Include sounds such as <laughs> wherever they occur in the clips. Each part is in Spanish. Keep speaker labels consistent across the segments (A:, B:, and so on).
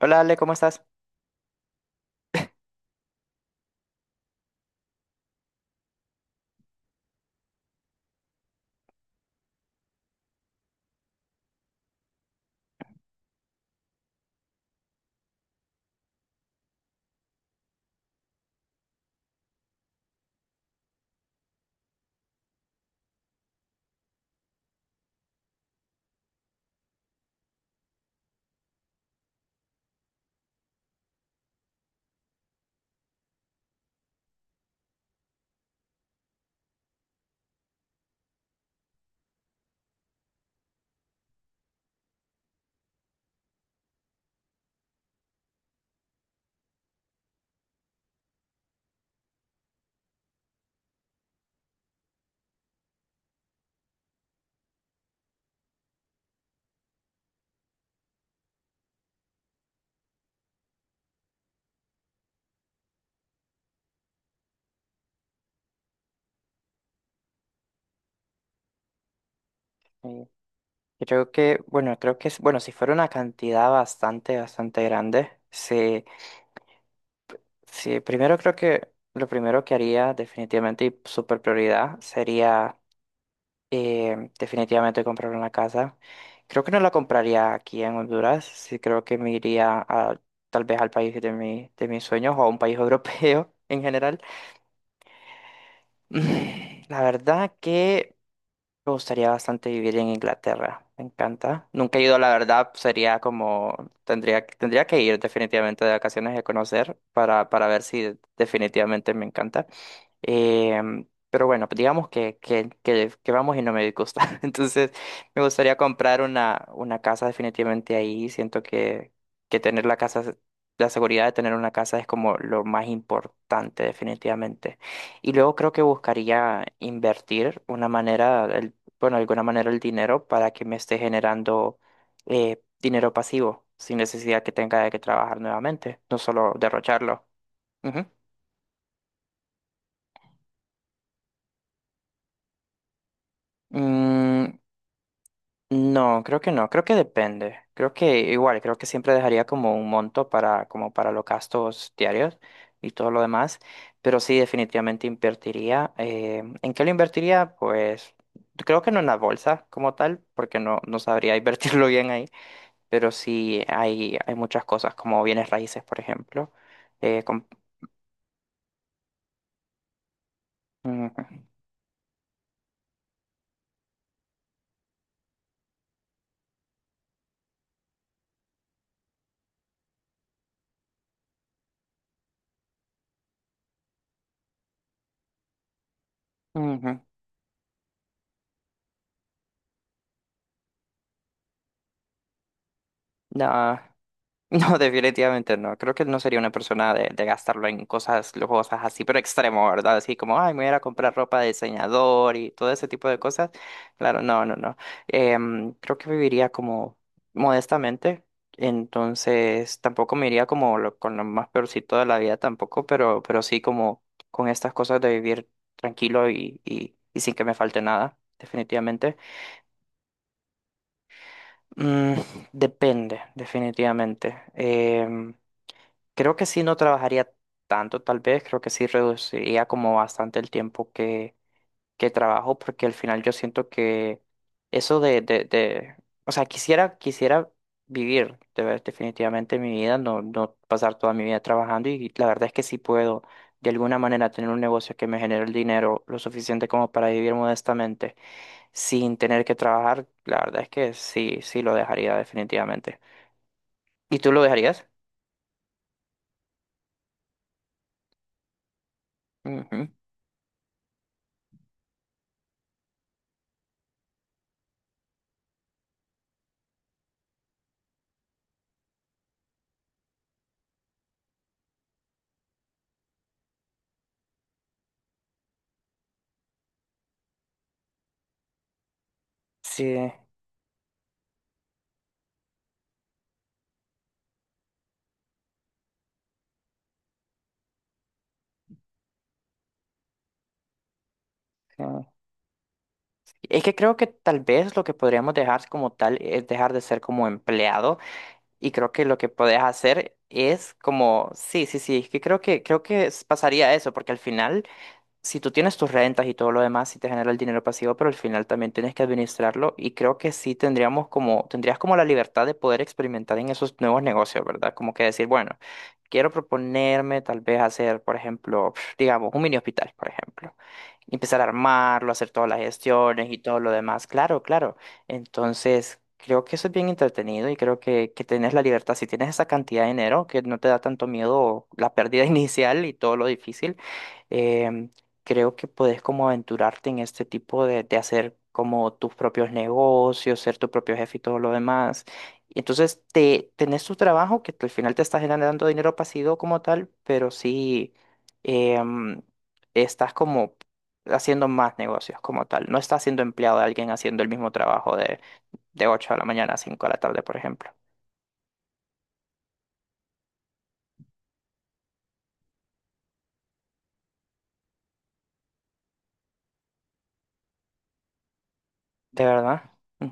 A: Hola Ale, ¿cómo estás? Eh, creo que, bueno, creo que, bueno, si fuera una cantidad bastante grande, sí, primero creo que lo primero que haría definitivamente y super prioridad sería definitivamente comprar una casa. Creo que no la compraría aquí en Honduras, sí creo que me iría a, tal vez al país de mi, de mis sueños o a un país europeo <laughs> en general. La verdad me gustaría bastante vivir en Inglaterra, me encanta. Nunca he ido, la verdad, sería como, tendría que ir definitivamente de vacaciones y a conocer para ver si definitivamente me encanta. Pero bueno, pues digamos que vamos y no me disgusta. <laughs> Entonces, me gustaría comprar una casa definitivamente ahí. Siento que tener la casa, la seguridad de tener una casa es como lo más importante definitivamente. Y luego creo que buscaría invertir una manera, bueno, de alguna manera el dinero para que me esté generando dinero pasivo, sin necesidad que tenga de que trabajar nuevamente, no solo derrocharlo. Ujú. Mm, No, creo que no, creo que depende. Creo que igual, creo que siempre dejaría como un monto para, como para los gastos diarios y todo lo demás, pero sí definitivamente invertiría. ¿En qué lo invertiría? Pues creo que no en la bolsa como tal, porque no, no sabría invertirlo <laughs> bien ahí, pero sí hay muchas cosas como bienes raíces, por ejemplo. eh, com- Ujú, ujú. No. No, definitivamente no. Creo que no sería una persona de gastarlo en cosas lujosas así, pero extremo, ¿verdad? Así como, ay, me voy a ir a comprar ropa de diseñador y todo ese tipo de cosas. Claro, no, no, no. Creo que viviría como modestamente, entonces tampoco me iría como con lo más peorcito de la vida tampoco, pero sí como con estas cosas de vivir tranquilo y sin que me falte nada, definitivamente. Mm, depende, definitivamente. Creo que sí no trabajaría tanto, tal vez, creo que sí reduciría como bastante el tiempo que trabajo, porque al final yo siento que eso o sea, quisiera vivir de definitivamente mi vida, no, no pasar toda mi vida trabajando y la verdad es que sí puedo de alguna manera tener un negocio que me genere el dinero lo suficiente como para vivir modestamente sin tener que trabajar, la verdad es que sí, sí lo dejaría definitivamente. ¿Y tú lo dejarías? Ujú. Sí. Sí. Es que creo que tal vez lo que podríamos dejar como tal es dejar de ser como empleado y creo que lo que podés hacer es como, sí, sí, sí, es que creo que pasaría eso porque al final si tú tienes tus rentas y todo lo demás, sí te genera el dinero pasivo, pero al final también tienes que administrarlo y creo que sí tendríamos como, tendrías como la libertad de poder experimentar en esos nuevos negocios, ¿verdad? Como que decir, bueno, quiero proponerme tal vez hacer, por ejemplo, <sniffs> digamos, un mini hospital, por ejemplo. Y empezar a armarlo, hacer todas las gestiones y todo lo demás. Claro, claro. Entonces, creo que eso es bien entretenido y creo que tienes la libertad. Si tienes esa cantidad de dinero, que no te da tanto miedo la pérdida <laughs> inicial y todo lo difícil, em, creo que puedes como aventurarte en este tipo de hacer como tus propios negocios, ser tu propio jefe y todo lo demás. Y entonces te, tenés tu trabajo que al final te está generando dinero pasivo como tal, pero sí em, estás como haciendo más negocios como tal. No estás siendo empleado de alguien haciendo el mismo trabajo de 8 de la mañana a 5 de la tarde, por ejemplo. ¿De verdad? Mm,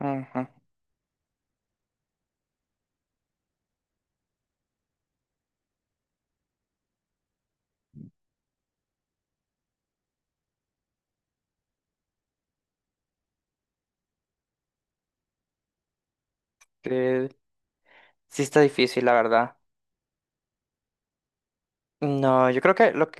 A: ujú. Eh, sí está difícil, la verdad. No, yo creo que lo,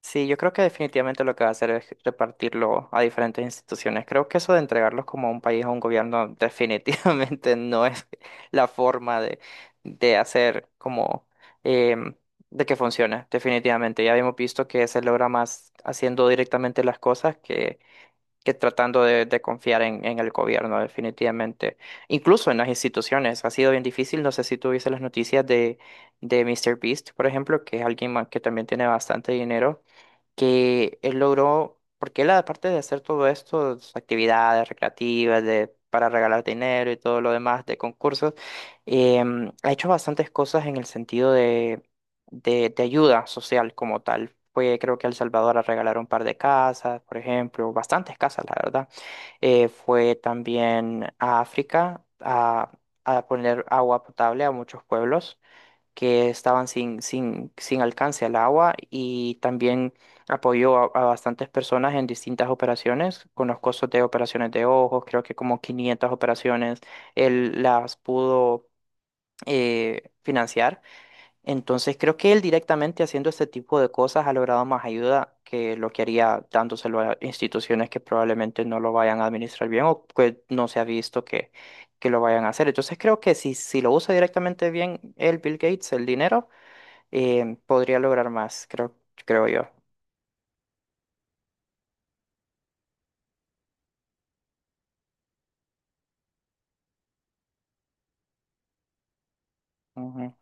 A: Sí, yo creo que definitivamente lo que va a hacer es repartirlo a diferentes instituciones. Creo que eso de entregarlos como a un país, a un gobierno, definitivamente <laughs> no es la forma de hacer como em, de que funcione, definitivamente. Ya hemos visto que se logra más haciendo directamente las cosas que tratando de confiar en el gobierno, definitivamente. Incluso en las instituciones. Ha sido bien difícil. No sé si tuviste las noticias de Mr. Beast, por ejemplo, que es alguien que también tiene bastante dinero que él logró, porque él aparte de hacer todo esto, sus actividades recreativas, de, para regalar dinero y todo lo demás, de concursos, ha hecho bastantes cosas en el sentido de ayuda social como tal. Fue, creo que a El Salvador a regalar un par de casas, por ejemplo, bastantes casas, la verdad. Fue también a África a poner agua potable a muchos pueblos que estaban sin, sin, sin alcance al agua y también apoyó a bastantes personas en distintas operaciones, con los costos de operaciones de ojos, creo que como 500 operaciones, él las pudo financiar. Entonces creo que él directamente haciendo este tipo de cosas ha logrado más ayuda que lo que haría dándoselo a instituciones que probablemente no lo vayan a administrar bien o que no se ha visto que lo vayan a hacer. Entonces creo que si, si lo usa directamente bien el Bill Gates, el dinero, podría lograr más, creo, creo yo. Ujú.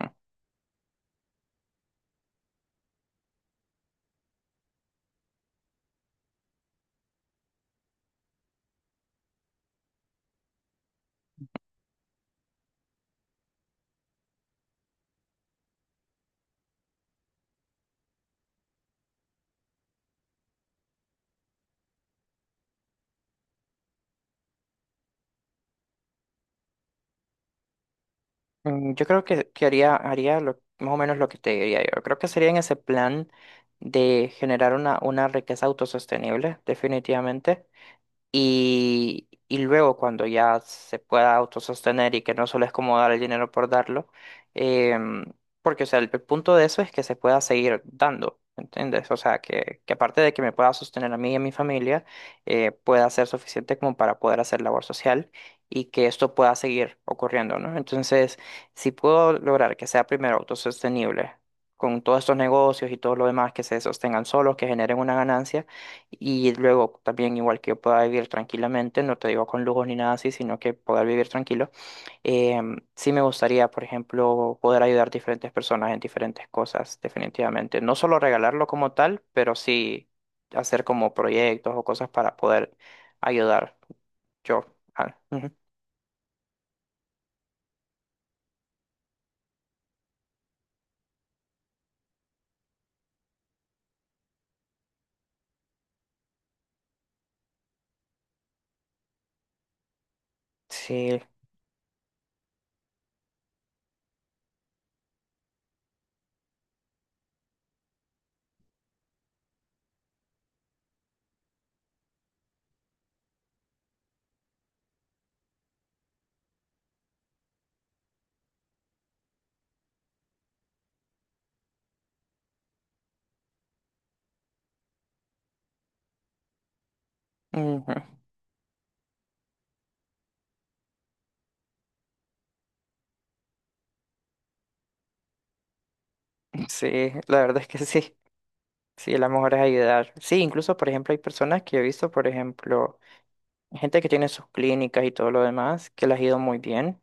A: Yo creo que haría más o menos lo que te diría yo. Creo que sería en ese plan de generar una riqueza autosostenible, definitivamente. Y luego cuando ya se pueda autosostener y que no solo es como dar el dinero por darlo, em, porque o sea, el punto de eso es que se pueda seguir dando, ¿entiendes? O sea, que aparte de que me pueda sostener a mí y a mi familia, pueda ser suficiente como para poder hacer labor social y que esto pueda seguir ocurriendo, ¿no? Entonces, si puedo lograr que sea primero autosostenible. Con todos estos negocios y todo lo demás que se sostengan solos, que generen una ganancia, y luego también igual que yo pueda vivir tranquilamente, no te digo con lujos ni nada así, sino que poder vivir tranquilo. Sí me gustaría, por ejemplo, poder ayudar a diferentes personas en diferentes cosas, definitivamente. No solo regalarlo como tal, pero sí hacer como proyectos o cosas para poder ayudar yo. Ah, ujú. Sí, ujú. <laughs> Sí, la verdad es que sí. Sí, la mejor es ayudar. Sí, incluso, por ejemplo, hay personas que he visto, por ejemplo gente que tiene sus clínicas y todo lo demás, que les ha ido muy bien,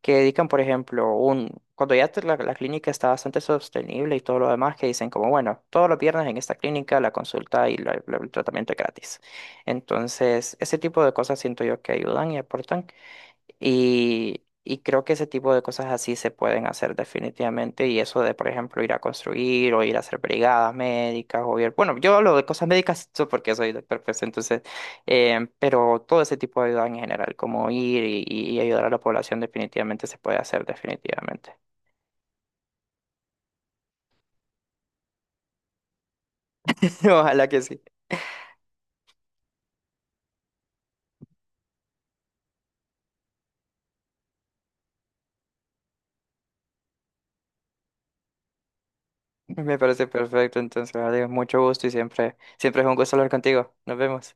A: que dedican, por ejemplo, un, cuando ya la clínica está bastante sostenible y todo lo demás, que dicen como, bueno, todos los viernes en esta clínica la consulta y el tratamiento es gratis. Entonces, ese tipo de cosas siento yo que ayudan y aportan. Y creo que ese tipo de cosas así se pueden hacer definitivamente. Y eso de, por ejemplo, ir a construir o ir a hacer brigadas médicas o ir... Bueno, yo hablo de cosas médicas <laughs> porque soy doctor, pues entonces... pero todo ese tipo de ayuda en general, como ir y ayudar a la población definitivamente se puede hacer definitivamente. <laughs> Ojalá que sí. Me parece perfecto. Entonces, adiós, mucho gusto y siempre, siempre es un gusto hablar contigo. Nos vemos.